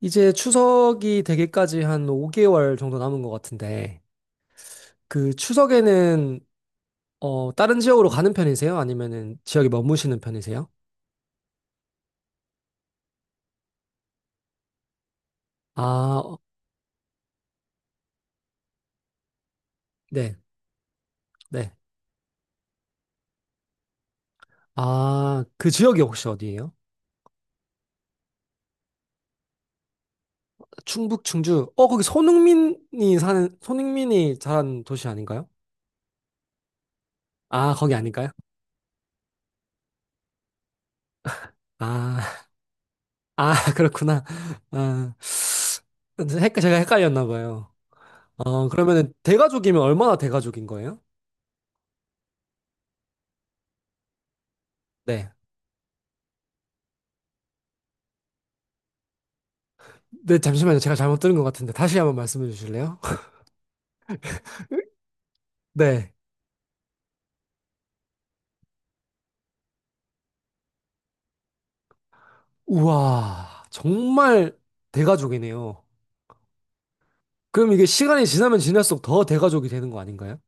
이제 추석이 되기까지 한 5개월 정도 남은 것 같은데, 그 추석에는, 다른 지역으로 가는 편이세요? 아니면은 지역에 머무시는 편이세요? 아, 어, 네, 네. 아, 그 지역이 혹시 어디예요? 충북, 충주. 거기 손흥민이 사는, 손흥민이 자란 도시 아닌가요? 아, 거기 아닌가요? 아, 아, 그렇구나. 아, 제가 헷갈렸나 봐요. 그러면은 대가족이면 얼마나 대가족인 거예요? 네. 네, 잠시만요. 제가 잘못 들은 것 같은데 다시 한번 말씀해 주실래요? 네. 우와, 정말 대가족이네요. 그럼 이게 시간이 지나면 지날수록 더 대가족이 되는 거 아닌가요?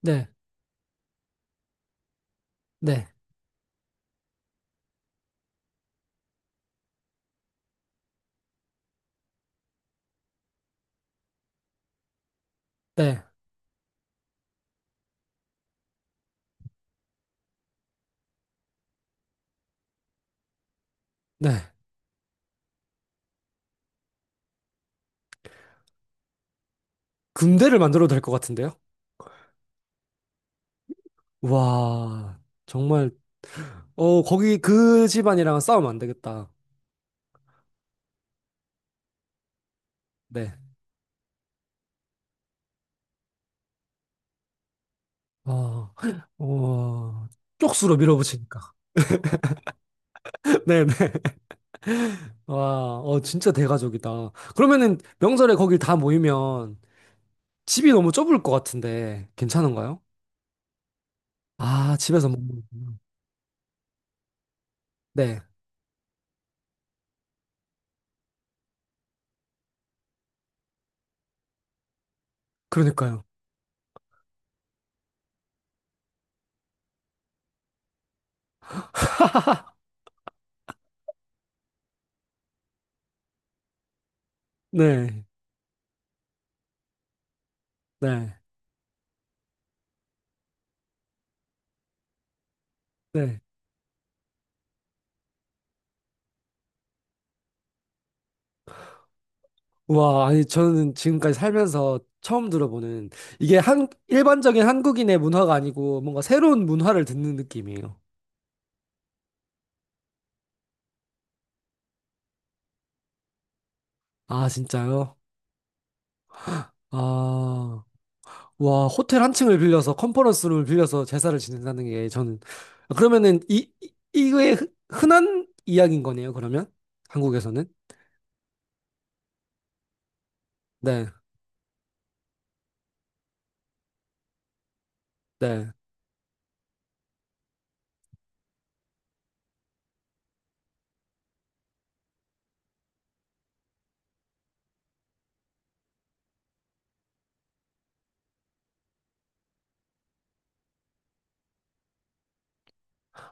네, 네, 네, 네. 금대를 만들어도 될 것 같은데요? 와, 정말, 거기 그 집안이랑은 싸우면 안 되겠다. 네. 와, 와, 쪽수로 밀어붙이니까. 네네. 와, 진짜 대가족이다. 그러면은 명절에 거길 다 모이면 집이 너무 좁을 것 같은데 괜찮은가요? 아, 집에서 먹 네. 그러니까요. 네. 네. 네. 와, 아니 저는 지금까지 살면서 처음 들어보는 이게 한 일반적인 한국인의 문화가 아니고 뭔가 새로운 문화를 듣는 느낌이에요. 아, 진짜요? 아. 와, 호텔 한 층을 빌려서 컨퍼런스 룸을 빌려서 제사를 지낸다는 게 저는 그러면은 이거의 흔한 이야기인 거네요, 그러면? 한국에서는? 네. 네.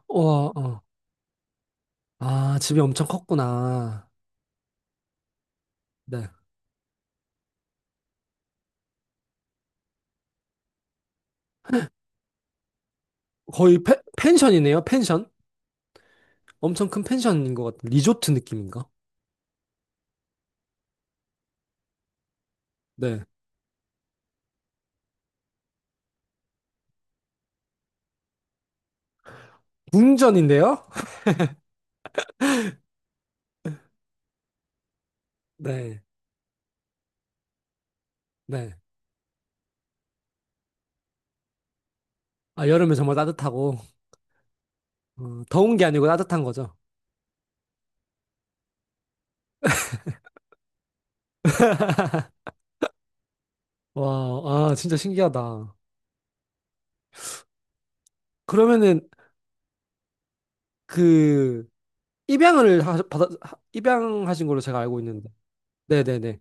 와, 어. 아, 집이 엄청 컸구나. 네. 거의 펜션이네요, 펜션? 엄청 큰 펜션인 것 같은 리조트 느낌인가? 네. 궁전인데요? 네. 네. 아, 여름에 정말 따뜻하고, 어, 더운 게 아니고 따뜻한 거죠. 와, 아, 진짜 신기하다. 그러면은, 그, 입양을 하, 받아, 하- 입양하신 걸로 제가 알고 있는데. 네네네.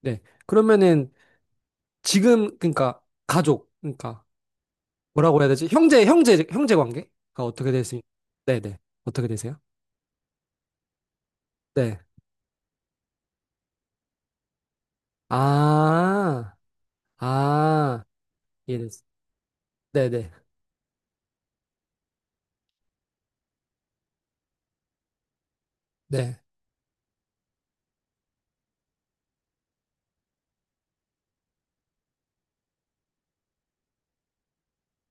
네. 그러면은, 지금, 그러니까, 가족, 그러니까, 뭐라고 해야 되지? 형제 관계가 어떻게 되세요? 네네. 어떻게 되세요? 네. 아, 아, 이해됐어. 네네. 네.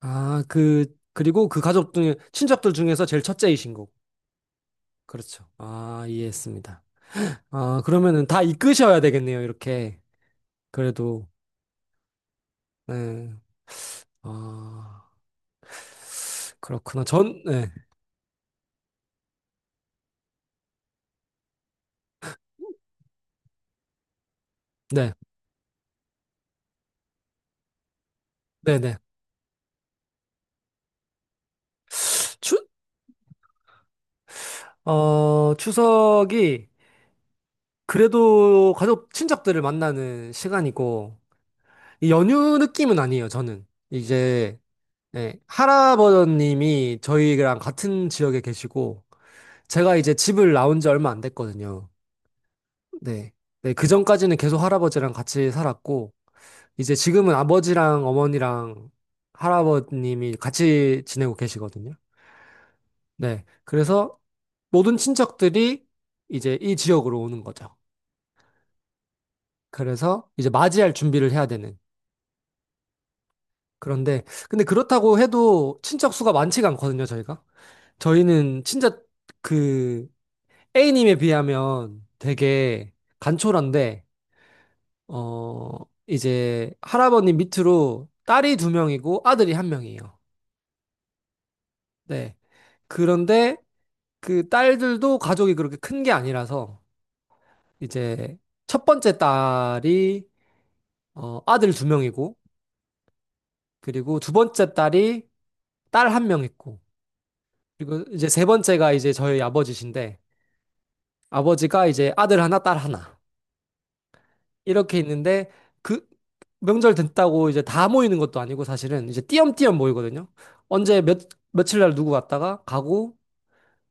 아, 그리고 그 가족 중에, 친척들 중에서 제일 첫째이신 거고. 그렇죠. 아, 이해했습니다. 아, 그러면은 다 이끄셔야 되겠네요, 이렇게. 그래도, 네. 아, 그렇구나. 전, 네. 네. 네네. 추, 추석이 그래도 가족, 친척들을 만나는 시간이고, 이 연휴 느낌은 아니에요, 저는. 이제, 네, 할아버님이 저희랑 같은 지역에 계시고, 제가 이제 집을 나온 지 얼마 안 됐거든요. 네. 네, 그 전까지는 계속 할아버지랑 같이 살았고, 이제 지금은 아버지랑 어머니랑 할아버님이 같이 지내고 계시거든요. 네. 그래서 모든 친척들이 이제 이 지역으로 오는 거죠. 그래서 이제 맞이할 준비를 해야 되는. 근데 그렇다고 해도 친척 수가 많지가 않거든요, 저희가. 저희는 진짜 그 A님에 비하면 되게 간촐한데, 어, 이제 할아버님 밑으로 딸이 두 명이고 아들이 한 명이에요. 네. 그런데 그 딸들도 가족이 그렇게 큰 게 아니라서 이제 첫 번째 딸이 아들 두 명이고, 그리고 두 번째 딸이 딸 한 명 있고, 그리고 이제 세 번째가 이제 저희 아버지신데, 아버지가 이제 아들 하나, 딸 하나. 이렇게 있는데 그 명절 됐다고 이제 다 모이는 것도 아니고 사실은 이제 띄엄띄엄 모이거든요. 언제 몇 며칠 날 누구 왔다가 가고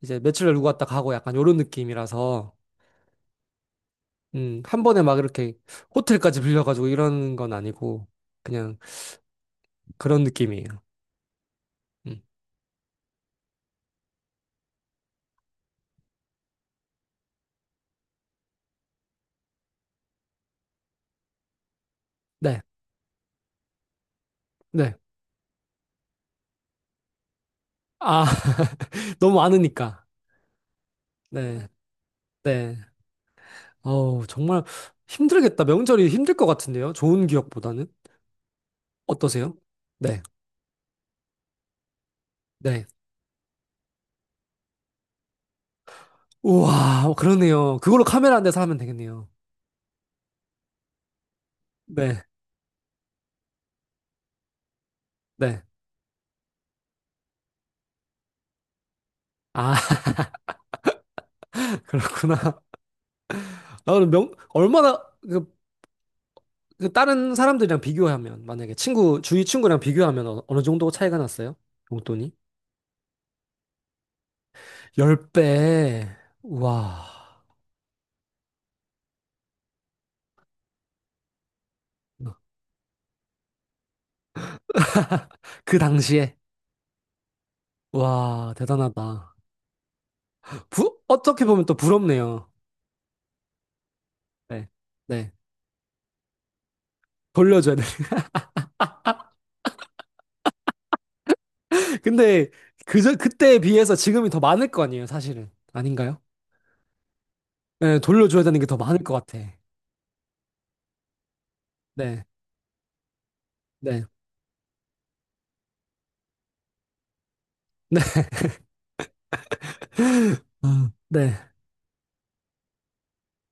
이제 며칠 날 누구 왔다 가고 약간 요런 느낌이라서 한 번에 막 이렇게 호텔까지 빌려가지고 이런 건 아니고 그냥 그런 느낌이에요. 음. 네. 네. 아, 너무 많으니까. 네. 네. 어우, 정말 힘들겠다. 명절이 힘들 것 같은데요. 좋은 기억보다는. 어떠세요? 네. 네. 우와, 그러네요. 그걸로 카메라 한대 사면 되겠네요. 네, 네. 아, 그렇구나. 아, 그럼 얼마나, 그, 그 다른 사람들이랑 비교하면, 만약에 친구, 주위 친구랑 비교하면 어느 정도 차이가 났어요? 용돈이? 10배. 우와. 그 당시에. 와, 대단하다. 어떻게 보면 또 부럽네요. 네, 네. 돌려줘야 돼. 근데, 그때에 비해서 지금이 더 많을 거 아니에요, 사실은. 아닌가요? 네, 돌려줘야 되는 게 더 많을 것 같아. 네. 네. 네. 아, 네.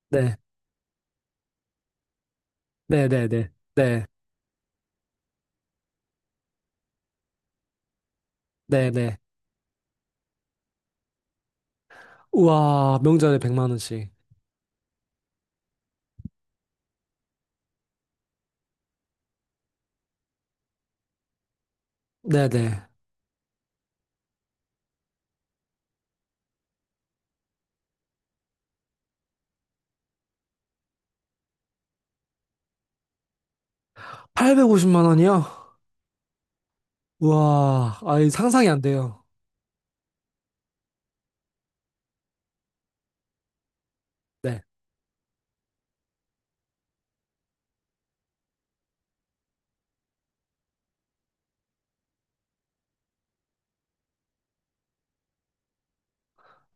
네. 네. 네. 네. 네. 네. 네. 우와, 명절에 100만 원씩. 네, 네. 850만 원이요? 우와, 아이 상상이 안 돼요. 네.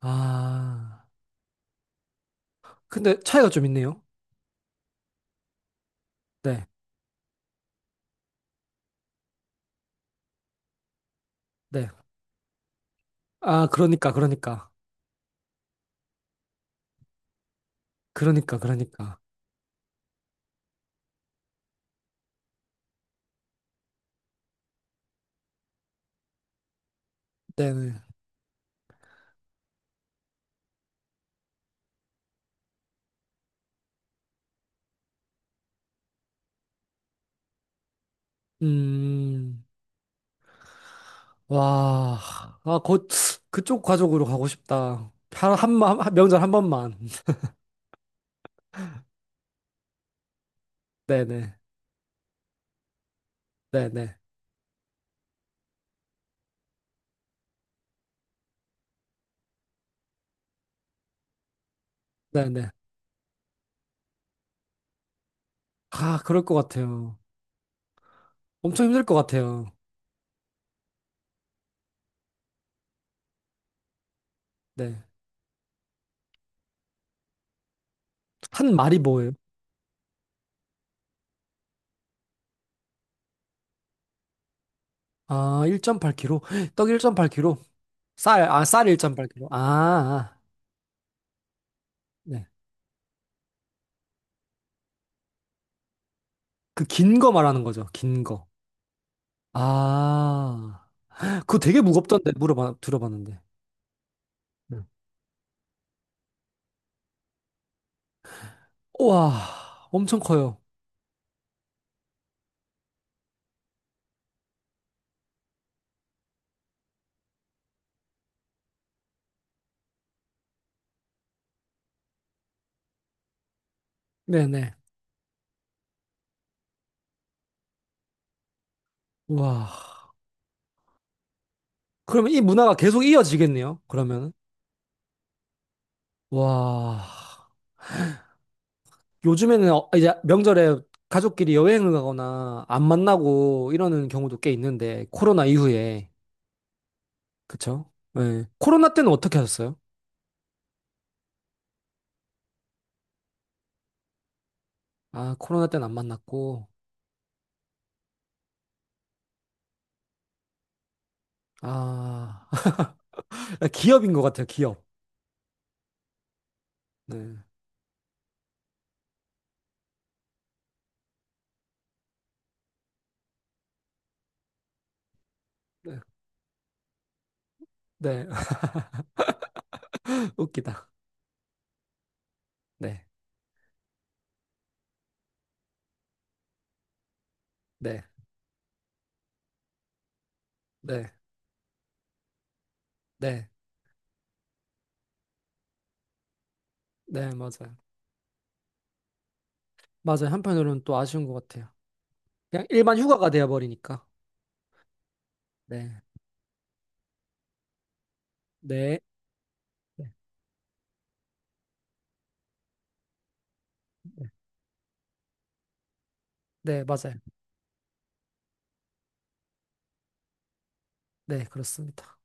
아. 근데 차이가 좀 있네요. 네. 네. 아, 그러니까 그러니까. 그러니까 그러니까. 네. 네. 음. 와. 아, 곧 그쪽 가족으로 가고 싶다. 한 명절 한 번만. 네네. 네네. 네네. 아, 그럴 것 같아요. 엄청 힘들 것 같아요. 네. 한 마리 뭐예요? 아, 1.8kg. 떡 1.8kg. 쌀, 아, 쌀 1.8kg. 아, 아. 네. 그 긴 거 말하는 거죠. 긴 거. 아. 그거 되게 무겁던데, 들어봤는데. 네. 우와, 엄청 커요. 네네. 우와. 그러면 이 문화가 계속 이어지겠네요. 그러면은. 와. 요즘에는 이제 명절에 가족끼리 여행을 가거나 안 만나고 이러는 경우도 꽤 있는데, 코로나 이후에. 그쵸? 네. 코로나 때는 어떻게 하셨어요? 아, 코로나 때는 안 만났고, 아, 기업인 것 같아요, 기업. 네. 네. 네. 웃기다. 네. 네. 네. 네. 네, 맞아요. 맞아요. 한편으로는 또 아쉬운 것 같아요. 그냥 일반 휴가가 되어버리니까. 네. 네. 네, 네, 맞아요. 네, 그렇습니다.